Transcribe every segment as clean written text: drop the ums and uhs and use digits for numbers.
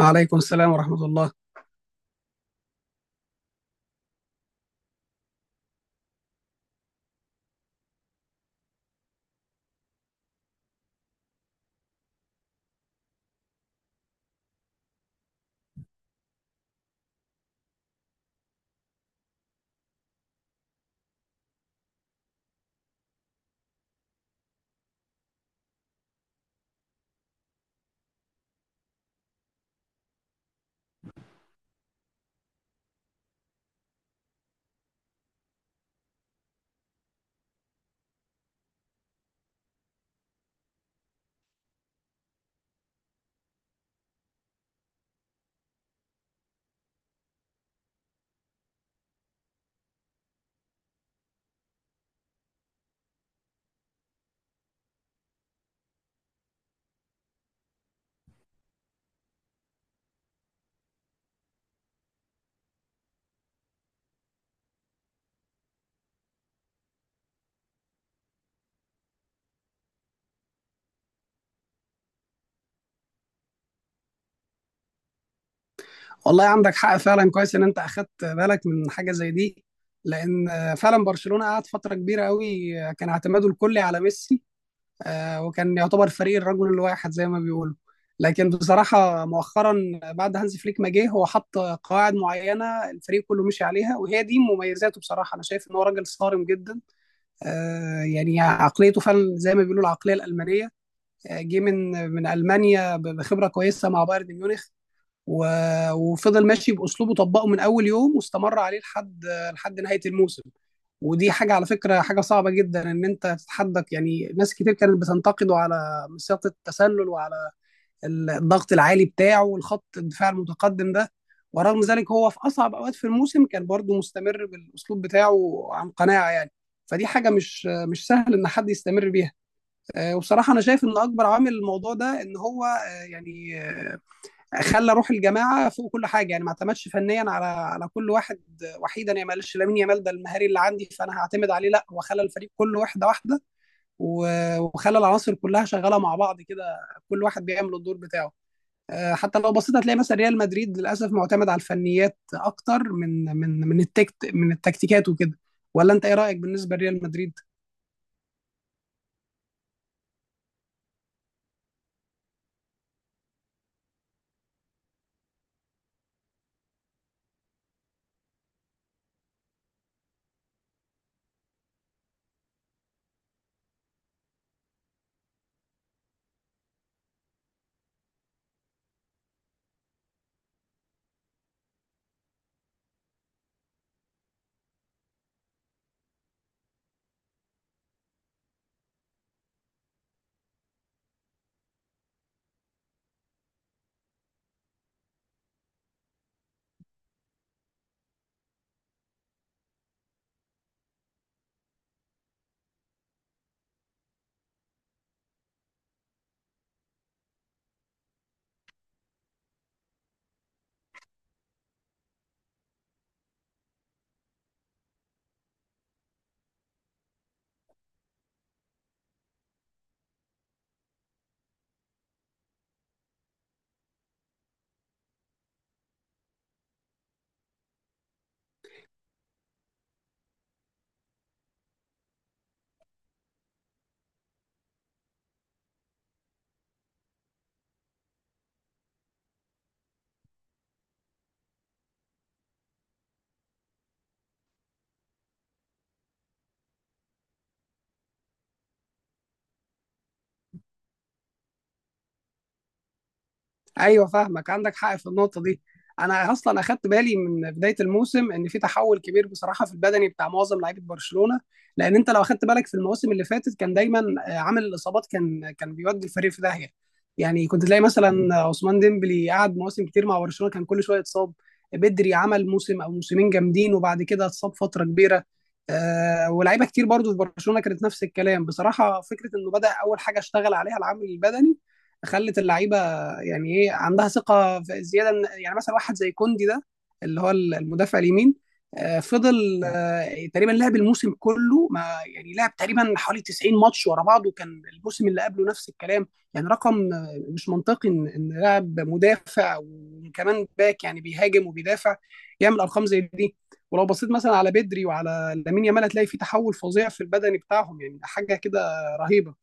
عليكم السلام ورحمة الله. والله عندك حق فعلا، كويس ان انت اخدت بالك من حاجة زي دي. لان فعلا برشلونة قعد فترة كبيرة قوي، كان اعتماده الكلي على ميسي. وكان يعتبر فريق الرجل الواحد زي ما بيقولوا. لكن بصراحة مؤخرا، بعد هانز فليك ما جه، هو حط قواعد معينة الفريق كله مشي عليها، وهي دي مميزاته. بصراحة انا شايف ان هو راجل صارم جدا. يعني عقليته فعلا زي ما بيقولوا العقلية الألمانية. جه من ألمانيا بخبرة كويسة مع بايرن ميونخ. و... وفضل ماشي باسلوبه، طبقه من اول يوم واستمر عليه لحد نهايه الموسم. ودي حاجه على فكره، حاجه صعبه جدا ان انت تتحدك. يعني ناس كتير كانت بتنتقده على مسيره التسلل وعلى الضغط العالي بتاعه والخط الدفاع المتقدم ده. ورغم ذلك هو في اصعب اوقات في الموسم كان برضه مستمر بالاسلوب بتاعه عن قناعه. يعني فدي حاجه مش سهل ان حد يستمر بيها. وبصراحه انا شايف ان اكبر عامل الموضوع ده ان هو يعني خلى روح الجماعه فوق كل حاجه. يعني ما اعتمدش فنيا على كل واحد وحيدا. يعني ما قالش لامين يامال ده المهاري اللي عندي فانا هعتمد عليه، لا هو خلى الفريق كله واحده واحده. وخلى العناصر كلها شغاله مع بعض كده، كل واحد بيعمل الدور بتاعه. حتى لو بصيت هتلاقي مثلا ريال مدريد للاسف معتمد على الفنيات اكتر من التكتيكات وكده. ولا انت ايه رايك بالنسبه لريال مدريد؟ ايوه، فاهمك، عندك حق في النقطه دي. انا اصلا اخدت بالي من بدايه الموسم ان في تحول كبير بصراحه في البدني بتاع معظم لعيبه برشلونه. لان انت لو اخدت بالك في المواسم اللي فاتت، كان دايما عامل الاصابات كان بيودي الفريق في داهيه. يعني كنت تلاقي مثلا عثمان ديمبلي قعد مواسم كتير مع برشلونه كان كل شويه اتصاب. بدري عمل موسم او موسمين جامدين وبعد كده اتصاب فتره كبيره. ولاعيبه كتير برضو في برشلونه كانت نفس الكلام بصراحه. فكره انه بدا اول حاجه اشتغل عليها العامل البدني، خلت اللعيبه يعني ايه عندها ثقه زياده يعني مثلا واحد زي كوندي ده، اللي هو المدافع اليمين. فضل تقريبا لعب الموسم كله ما يعني، لعب تقريبا حوالي 90 ماتش ورا بعض. وكان الموسم اللي قبله نفس الكلام. يعني رقم مش منطقي إن لاعب مدافع وكمان باك يعني بيهاجم وبيدافع يعمل ارقام زي دي. ولو بصيت مثلا على بدري وعلى لامين يامال، هتلاقي في تحول فظيع في البدني بتاعهم. يعني حاجه كده رهيبه.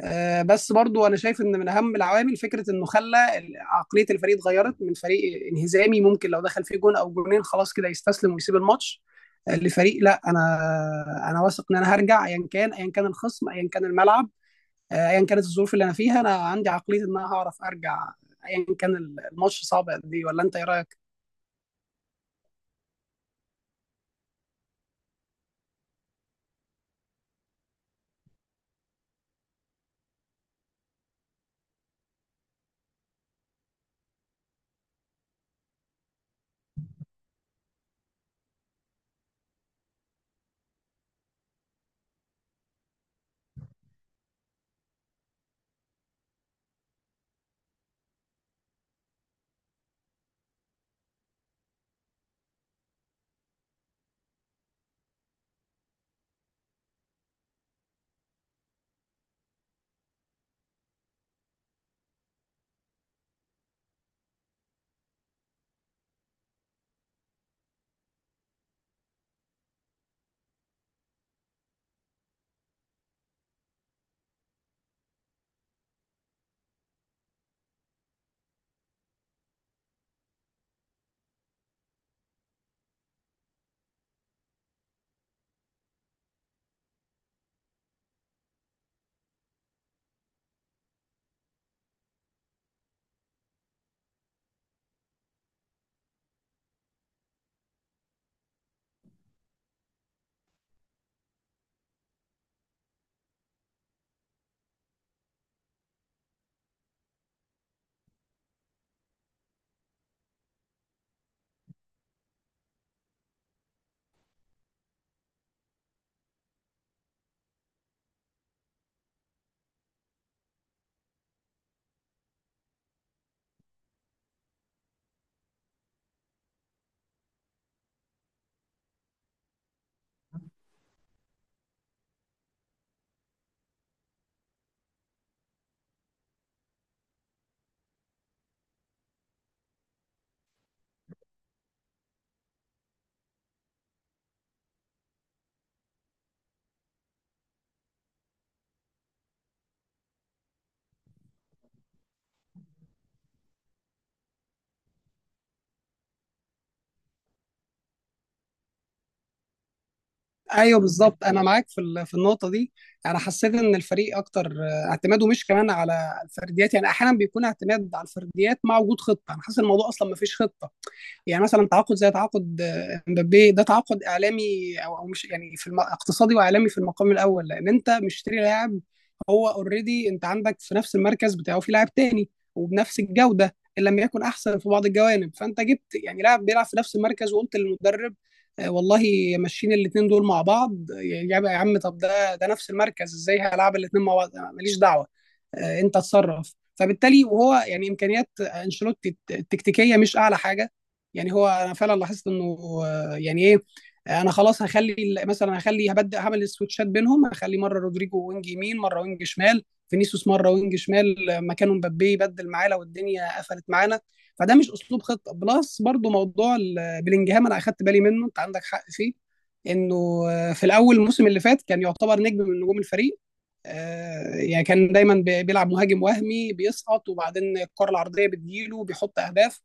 بس برضو انا شايف ان من اهم العوامل فكره انه خلى عقليه الفريق اتغيرت من فريق انهزامي ممكن لو دخل فيه جون او جونين خلاص كده يستسلم ويسيب الماتش، لفريق لا. انا انا واثق ان انا هرجع ايا كان، ايا كان الخصم، ايا كان الملعب، ايا كانت الظروف اللي انا فيها. انا عندي عقليه ان انا هعرف ارجع ايا كان الماتش صعب قد ايه. ولا انت ايه رايك؟ ايوه بالظبط، انا معاك في النقطه دي. انا حسيت ان الفريق اكتر اعتماده مش كمان على الفرديات. يعني احيانا بيكون اعتماد على الفرديات مع وجود خطه، انا حاسس الموضوع اصلا ما فيش خطه. يعني مثلا تعاقد زي تعاقد امبابي ده تعاقد اعلامي او مش يعني اقتصادي واعلامي في المقام الاول. لان انت مشتري لاعب هو اوريدي، انت عندك في نفس المركز بتاعه في لاعب تاني وبنفس الجوده ان لم يكن احسن في بعض الجوانب. فانت جبت يعني لاعب بيلعب في نفس المركز، وقلت للمدرب والله ماشيين الاثنين دول مع بعض. يعني يا عم، طب ده نفس المركز، ازاي هلعب الاثنين مع بعض؟ ماليش دعوه، انت اتصرف. فبالتالي وهو يعني امكانيات انشيلوتي التكتيكيه مش اعلى حاجه. يعني هو انا فعلا لاحظت انه يعني ايه، انا خلاص هخلي مثلا هخلي هبدا هعمل السويتشات بينهم. هخلي مره رودريجو وينج يمين مره وينج شمال، فينيسيوس مره وينج شمال مكانه، مبابي يبدل معاه لو الدنيا قفلت معانا. فده مش اسلوب خطه بلس. برضو موضوع بلينجهام، انا اخدت بالي منه، انت عندك حق فيه، انه في الاول الموسم اللي فات كان يعتبر نجم من نجوم الفريق. يعني كان دايما بيلعب مهاجم وهمي بيسقط وبعدين الكره العرضيه بتجيله بيحط اهداف.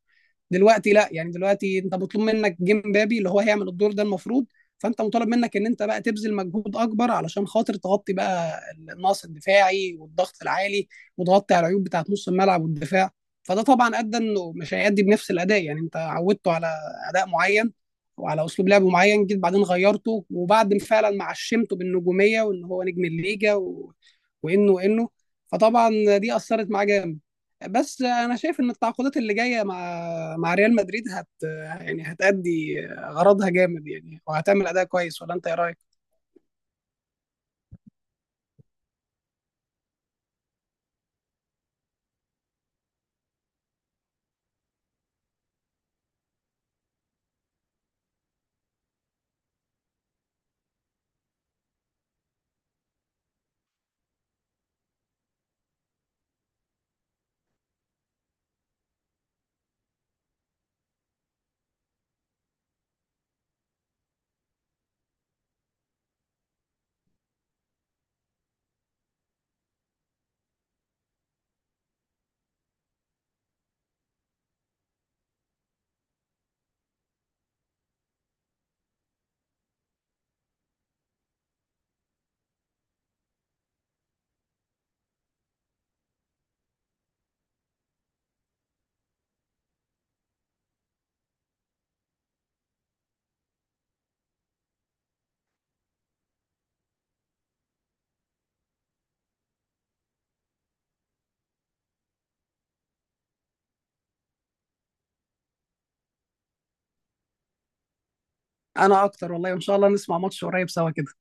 دلوقتي لا، يعني دلوقتي انت مطلوب منك جيم بابي اللي هو هيعمل الدور ده المفروض. فانت مطالب منك ان انت بقى تبذل مجهود اكبر علشان خاطر تغطي بقى النقص الدفاعي والضغط العالي، وتغطي على العيوب بتاعت نص الملعب والدفاع. فده طبعا ادى انه مش هيأدي بنفس الاداء. يعني انت عودته على اداء معين وعلى اسلوب لعب معين، جيت بعدين غيرته. وبعد فعلا ما عشمته بالنجوميه وان هو نجم الليجا و... وانه وانه فطبعا دي اثرت معاه جامد. بس انا شايف ان التعاقدات اللي جايه مع ريال مدريد يعني هتأدي غرضها جامد. يعني وهتعمل اداء كويس. ولا انت ايه رايك؟ انا اكتر والله، وان شاء الله نسمع ماتش قريب سوا كده.